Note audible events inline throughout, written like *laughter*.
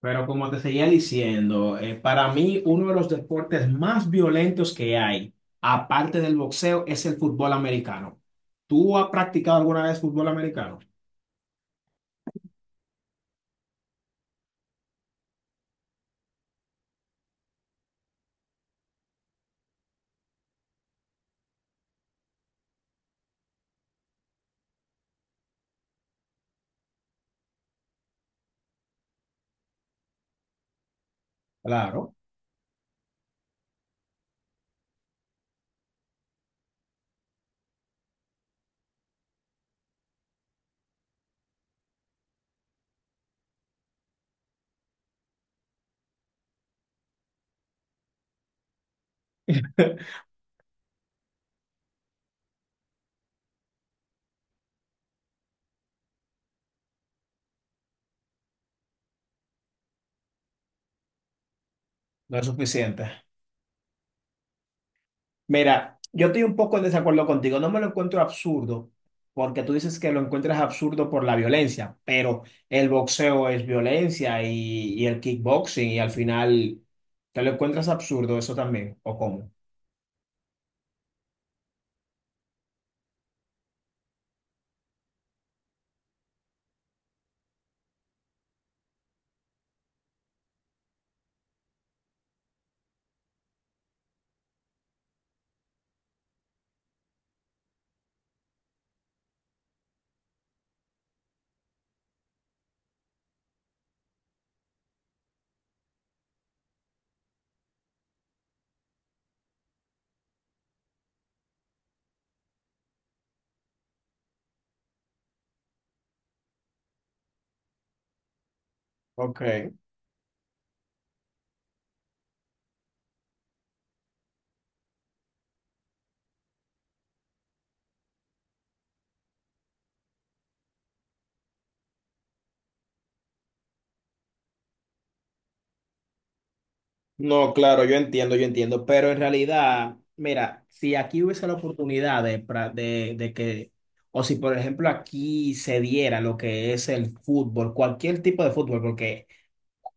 Pero como te seguía diciendo, para mí uno de los deportes más violentos que hay, aparte del boxeo, es el fútbol americano. ¿Tú has practicado alguna vez fútbol americano? Claro. *laughs* No es suficiente. Mira, yo estoy un poco en desacuerdo contigo. No me lo encuentro absurdo, porque tú dices que lo encuentras absurdo por la violencia, pero el boxeo es violencia y el kickboxing, y al final te lo encuentras absurdo eso también, ¿o cómo? Ok. No, claro, yo entiendo, pero en realidad, mira, si aquí hubiese la oportunidad de que, o si por ejemplo aquí se diera lo que es el fútbol, cualquier tipo de fútbol, porque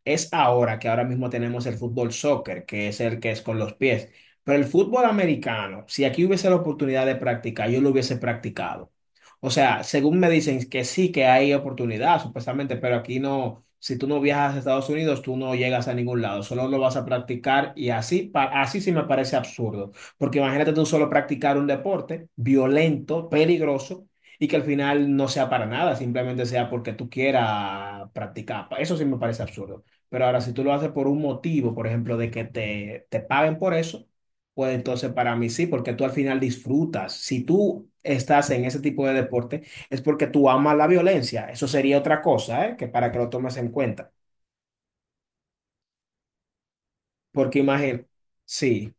es ahora que ahora mismo tenemos el fútbol soccer, que es el que es con los pies. Pero el fútbol americano, si aquí hubiese la oportunidad de practicar, yo lo hubiese practicado. O sea, según me dicen que sí, que hay oportunidad, supuestamente, pero aquí no, si tú no viajas a Estados Unidos, tú no llegas a ningún lado, solo lo vas a practicar y así, así sí me parece absurdo, porque imagínate tú solo practicar un deporte violento, peligroso y que al final no sea para nada, simplemente sea porque tú quieras practicar. Eso sí me parece absurdo. Pero ahora, si tú lo haces por un motivo, por ejemplo, de que te paguen por eso, pues entonces para mí sí, porque tú al final disfrutas. Si tú estás en ese tipo de deporte, es porque tú amas la violencia. Eso sería otra cosa, ¿eh? Que para que lo tomes en cuenta. Porque imagínate, sí.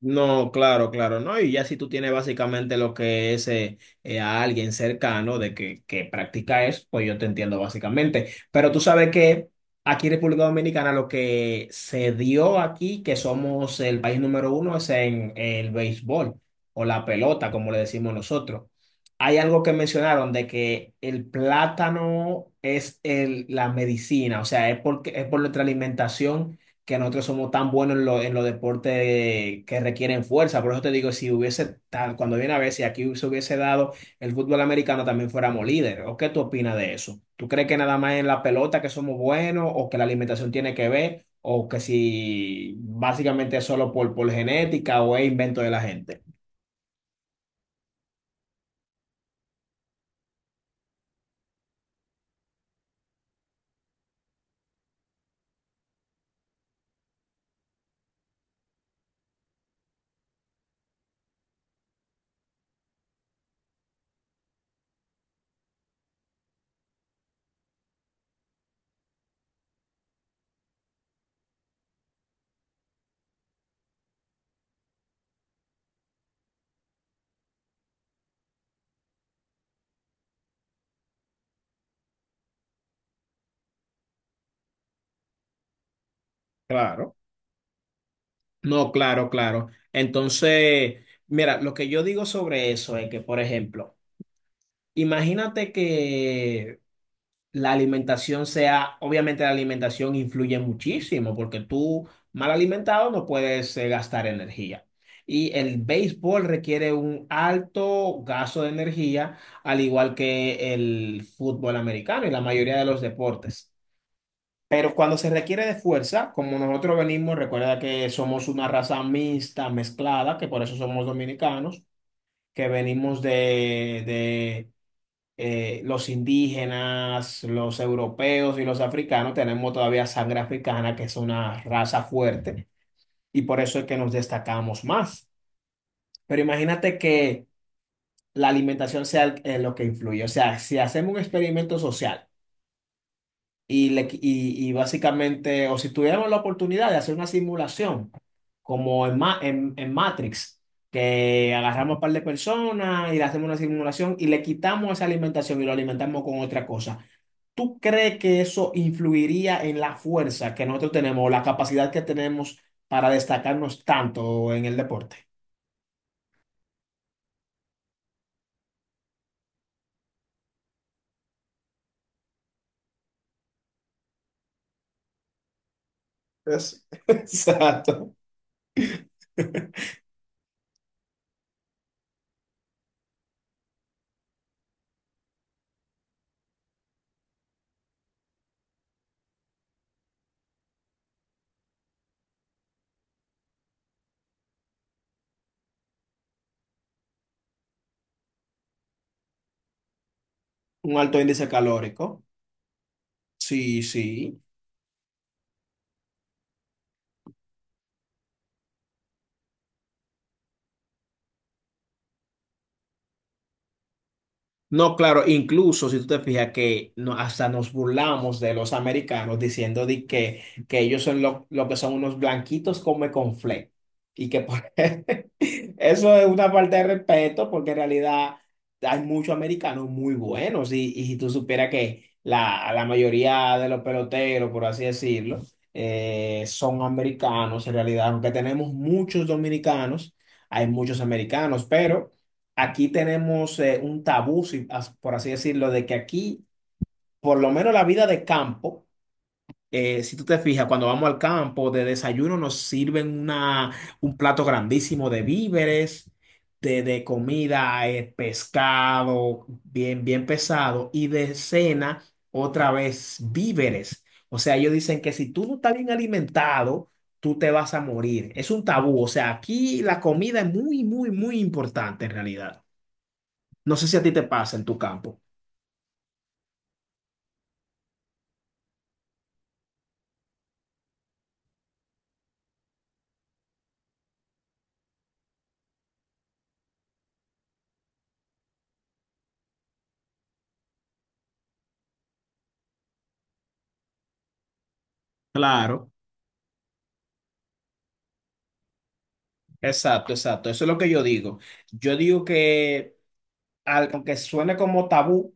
No, claro, claro, ¿no? Y ya si tú tienes básicamente lo que es a alguien cercano de que practica eso, pues yo te entiendo básicamente. Pero tú sabes que aquí en República Dominicana lo que se dio aquí, que somos el país número uno, es en el béisbol o la pelota, como le decimos nosotros. Hay algo que mencionaron de que el plátano es el, la medicina, o sea, es, porque, es por nuestra alimentación que nosotros somos tan buenos en, en los deportes que requieren fuerza. Por eso te digo, si hubiese, cuando viene a ver, si aquí se hubiese dado el fútbol americano, también fuéramos líderes. ¿O qué tú opinas de eso? ¿Tú crees que nada más en la pelota que somos buenos o que la alimentación tiene que ver o que si básicamente es solo por genética o es invento de la gente? Claro. No, claro, claro. Entonces, mira, lo que yo digo sobre eso es que, por ejemplo, imagínate que la alimentación sea, obviamente la alimentación influye muchísimo porque tú mal alimentado no puedes gastar energía. Y el béisbol requiere un alto gasto de energía, al igual que el fútbol americano y la mayoría de los deportes. Pero cuando se requiere de fuerza, como nosotros venimos, recuerda que somos una raza mixta, mezclada, que por eso somos dominicanos, que venimos de, los indígenas, los europeos y los africanos, tenemos todavía sangre africana, que es una raza fuerte, y por eso es que nos destacamos más. Pero imagínate que la alimentación sea lo que influye. O sea, si hacemos un experimento social y, le qui- y básicamente, o si tuviéramos la oportunidad de hacer una simulación, como en Matrix, que agarramos un par de personas y le hacemos una simulación y le quitamos esa alimentación y lo alimentamos con otra cosa. ¿Tú crees que eso influiría en la fuerza que nosotros tenemos o la capacidad que tenemos para destacarnos tanto en el deporte? Es, *laughs* exacto. Un alto índice calórico. Sí, sí. No, claro, incluso si tú te fijas que no, hasta nos burlamos de los americanos diciendo de que ellos son lo que son unos blanquitos come conflé. Y que *laughs* eso es una falta de respeto porque en realidad hay muchos americanos muy buenos y si tú supieras que la mayoría de los peloteros, por así decirlo, son americanos en realidad, aunque tenemos muchos dominicanos, hay muchos americanos, pero aquí tenemos un tabú, por así decirlo, de que aquí, por lo menos la vida de campo, si tú te fijas, cuando vamos al campo de desayuno nos sirven un plato grandísimo de víveres, de comida, pescado, bien, bien pesado, y de cena, otra vez, víveres. O sea, ellos dicen que si tú no estás bien alimentado, tú te vas a morir. Es un tabú. O sea, aquí la comida es muy, muy, muy importante en realidad. No sé si a ti te pasa en tu campo. Claro, exacto, exacto. Eso es lo que yo digo. Yo digo que aunque suene como tabú,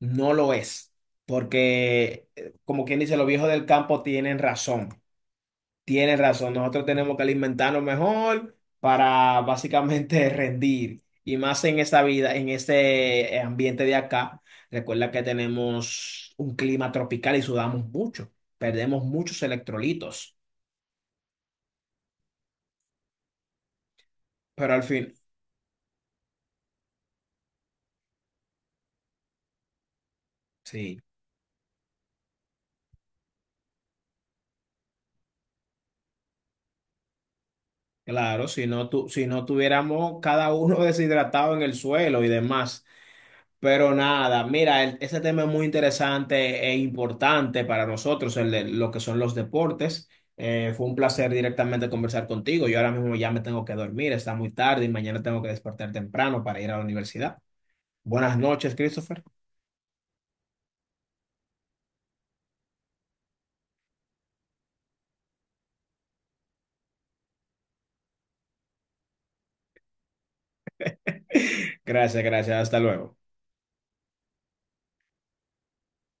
no lo es, porque como quien dice, los viejos del campo tienen razón, tienen razón. Nosotros tenemos que alimentarnos mejor para básicamente *laughs* rendir. Y más en esta vida, en este ambiente de acá, recuerda que tenemos un clima tropical y sudamos mucho, perdemos muchos electrolitos, pero al fin, sí. Claro, si no, si no tuviéramos cada uno *laughs* deshidratado en el suelo y demás. Pero nada, mira, ese tema es muy interesante e importante para nosotros, el de lo que son los deportes. Fue un placer directamente conversar contigo. Yo ahora mismo ya me tengo que dormir, está muy tarde y mañana tengo que despertar temprano para ir a la universidad. Buenas noches, Christopher. *laughs* Gracias, gracias. Hasta luego.